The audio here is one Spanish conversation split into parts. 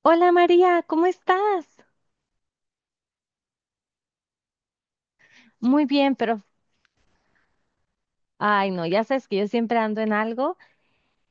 Hola María, ¿cómo estás? Muy bien, pero, ay no, ya sabes que yo siempre ando en algo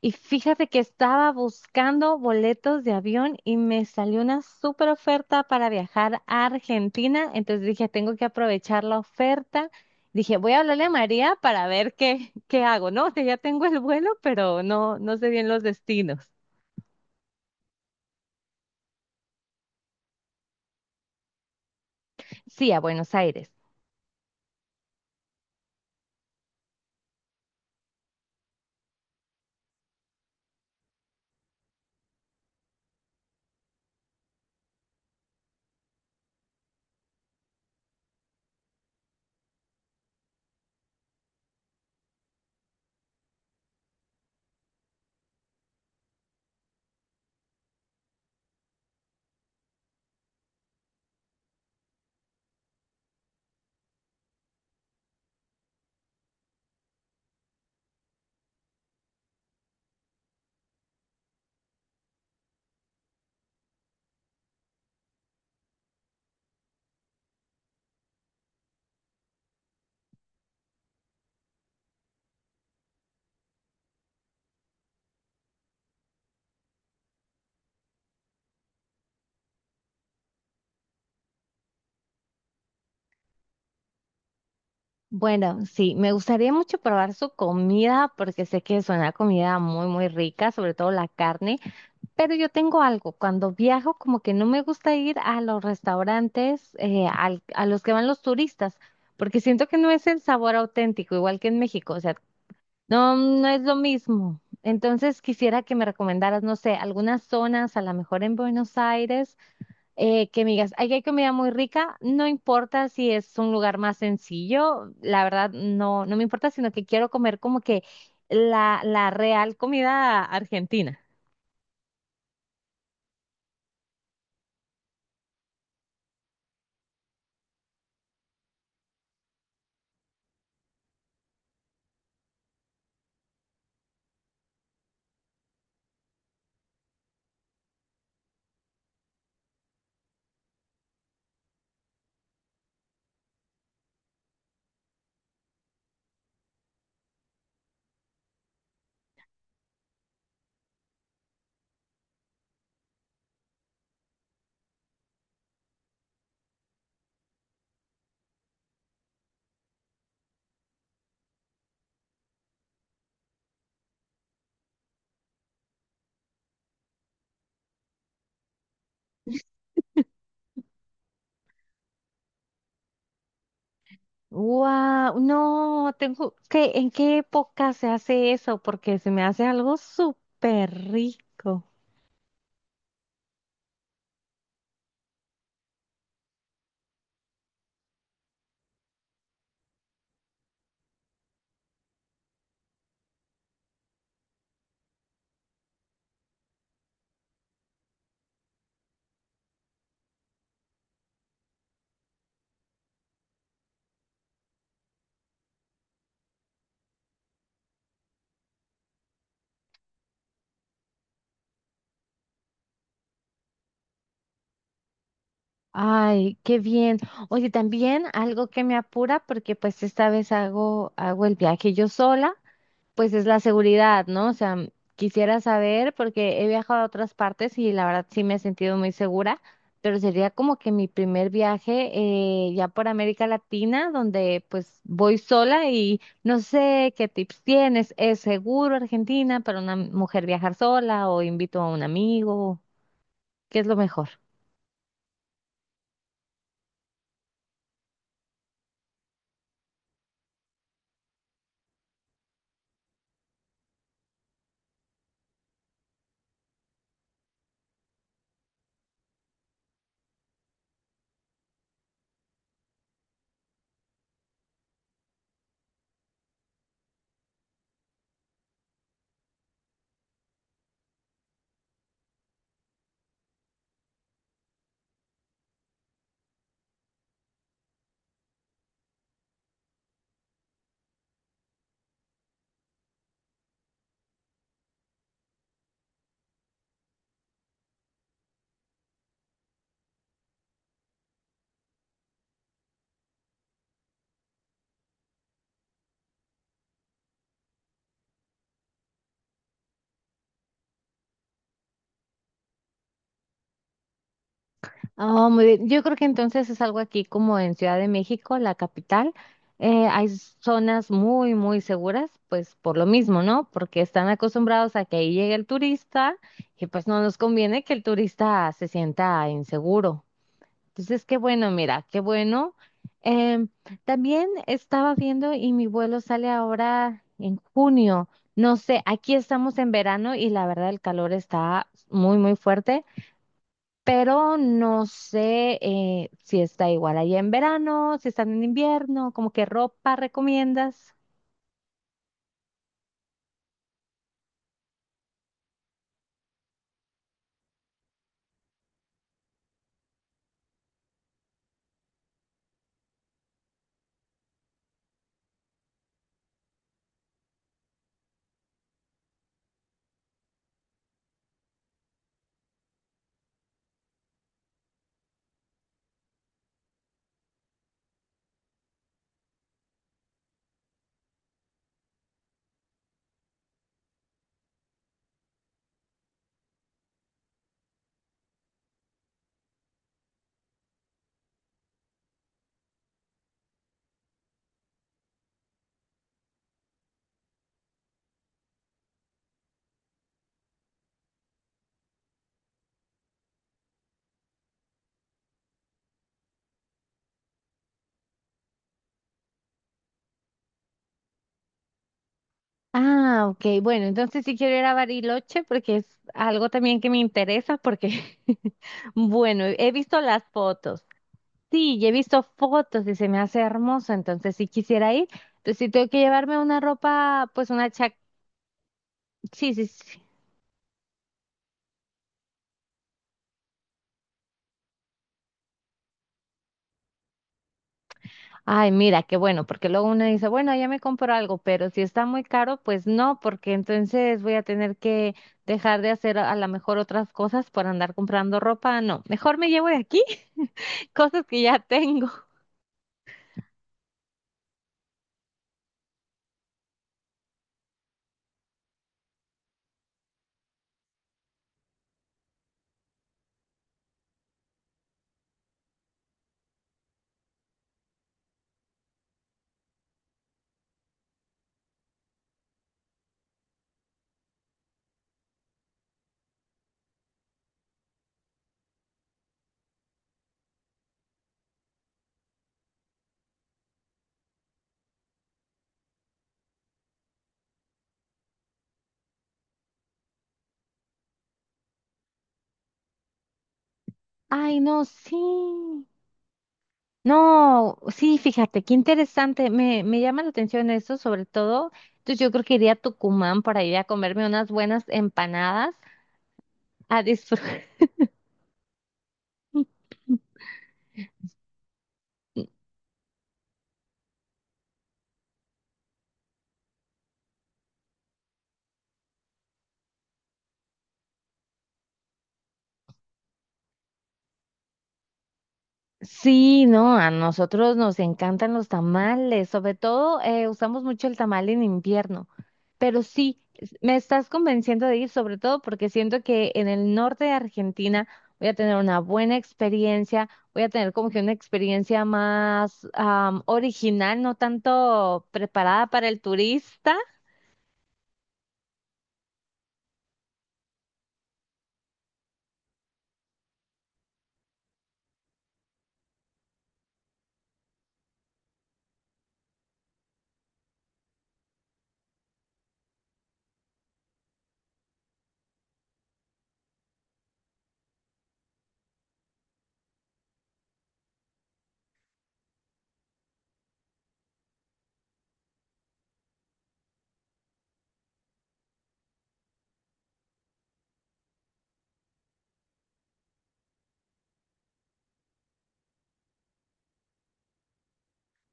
y fíjate que estaba buscando boletos de avión y me salió una súper oferta para viajar a Argentina. Entonces dije, tengo que aprovechar la oferta. Dije, voy a hablarle a María para ver qué hago, ¿no? Que ya tengo el vuelo, pero no sé bien los destinos. Sí, a Buenos Aires. Bueno, sí, me gustaría mucho probar su comida porque sé que es una comida muy, muy rica, sobre todo la carne, pero yo tengo algo, cuando viajo como que no me gusta ir a los restaurantes a los que van los turistas, porque siento que no es el sabor auténtico, igual que en México, o sea, no, no es lo mismo. Entonces quisiera que me recomendaras, no sé, algunas zonas, a lo mejor en Buenos Aires que me digas: "Ay, hay comida muy rica, no importa si es un lugar más sencillo, la verdad no, no me importa, sino que quiero comer como que la real comida argentina". Wow, no, tengo que, ¿en qué época se hace eso? Porque se me hace algo súper rico. Ay, qué bien. Oye, también algo que me apura porque pues esta vez hago el viaje yo sola. Pues es la seguridad, ¿no? O sea, quisiera saber porque he viajado a otras partes y la verdad sí me he sentido muy segura, pero sería como que mi primer viaje ya por América Latina, donde pues voy sola y no sé qué tips tienes. ¿Es seguro Argentina para una mujer viajar sola o invito a un amigo? ¿Qué es lo mejor? Oh, muy bien. Yo creo que entonces es algo aquí como en Ciudad de México, la capital. Eh, hay zonas muy, muy seguras, pues por lo mismo, ¿no? Porque están acostumbrados a que ahí llegue el turista y pues no nos conviene que el turista se sienta inseguro. Entonces, qué bueno, mira, qué bueno. Em, También estaba viendo y mi vuelo sale ahora en junio. No sé, aquí estamos en verano y la verdad el calor está muy, muy fuerte, pero no sé si está igual ahí en verano, si están en invierno, como qué ropa recomiendas. Ah, ok, bueno, entonces sí quiero ir a Bariloche porque es algo también que me interesa porque, bueno, he visto las fotos. Sí, y he visto fotos y se me hace hermoso, entonces sí quisiera ir. Entonces sí tengo que llevarme una ropa, pues una chaqueta, sí, sí, sí. Ay, mira, qué bueno, porque luego uno dice, bueno, ya me compro algo, pero si está muy caro, pues no, porque entonces voy a tener que dejar de hacer a lo mejor otras cosas por andar comprando ropa. No, mejor me llevo de aquí cosas que ya tengo. Ay, no, sí. No, sí, fíjate, qué interesante. Me llama la atención eso, sobre todo. Entonces yo creo que iría a Tucumán para ir a comerme unas buenas empanadas, a disfrutar. Sí, no, a nosotros nos encantan los tamales, sobre todo usamos mucho el tamal en invierno, pero sí, me estás convenciendo de ir, sobre todo porque siento que en el norte de Argentina voy a tener una buena experiencia, voy a tener como que una experiencia más original, no tanto preparada para el turista.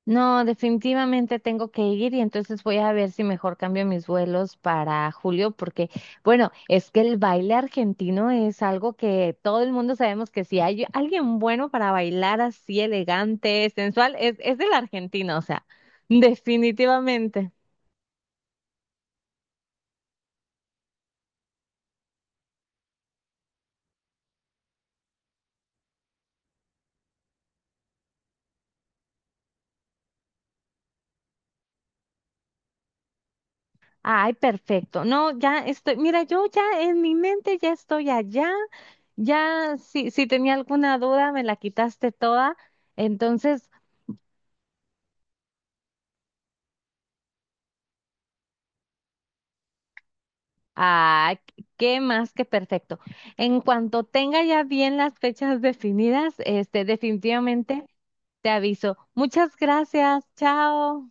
No, definitivamente tengo que ir y entonces voy a ver si mejor cambio mis vuelos para julio, porque bueno, es que el baile argentino es algo que todo el mundo sabemos que si hay alguien bueno para bailar así elegante, sensual, es del argentino, o sea, definitivamente. Ay, perfecto. No, ya estoy, mira, yo ya en mi mente ya estoy allá, ya si, si tenía alguna duda me la quitaste toda. Entonces, ah, qué más que perfecto. En cuanto tenga ya bien las fechas definidas, este, definitivamente te aviso. Muchas gracias. Chao.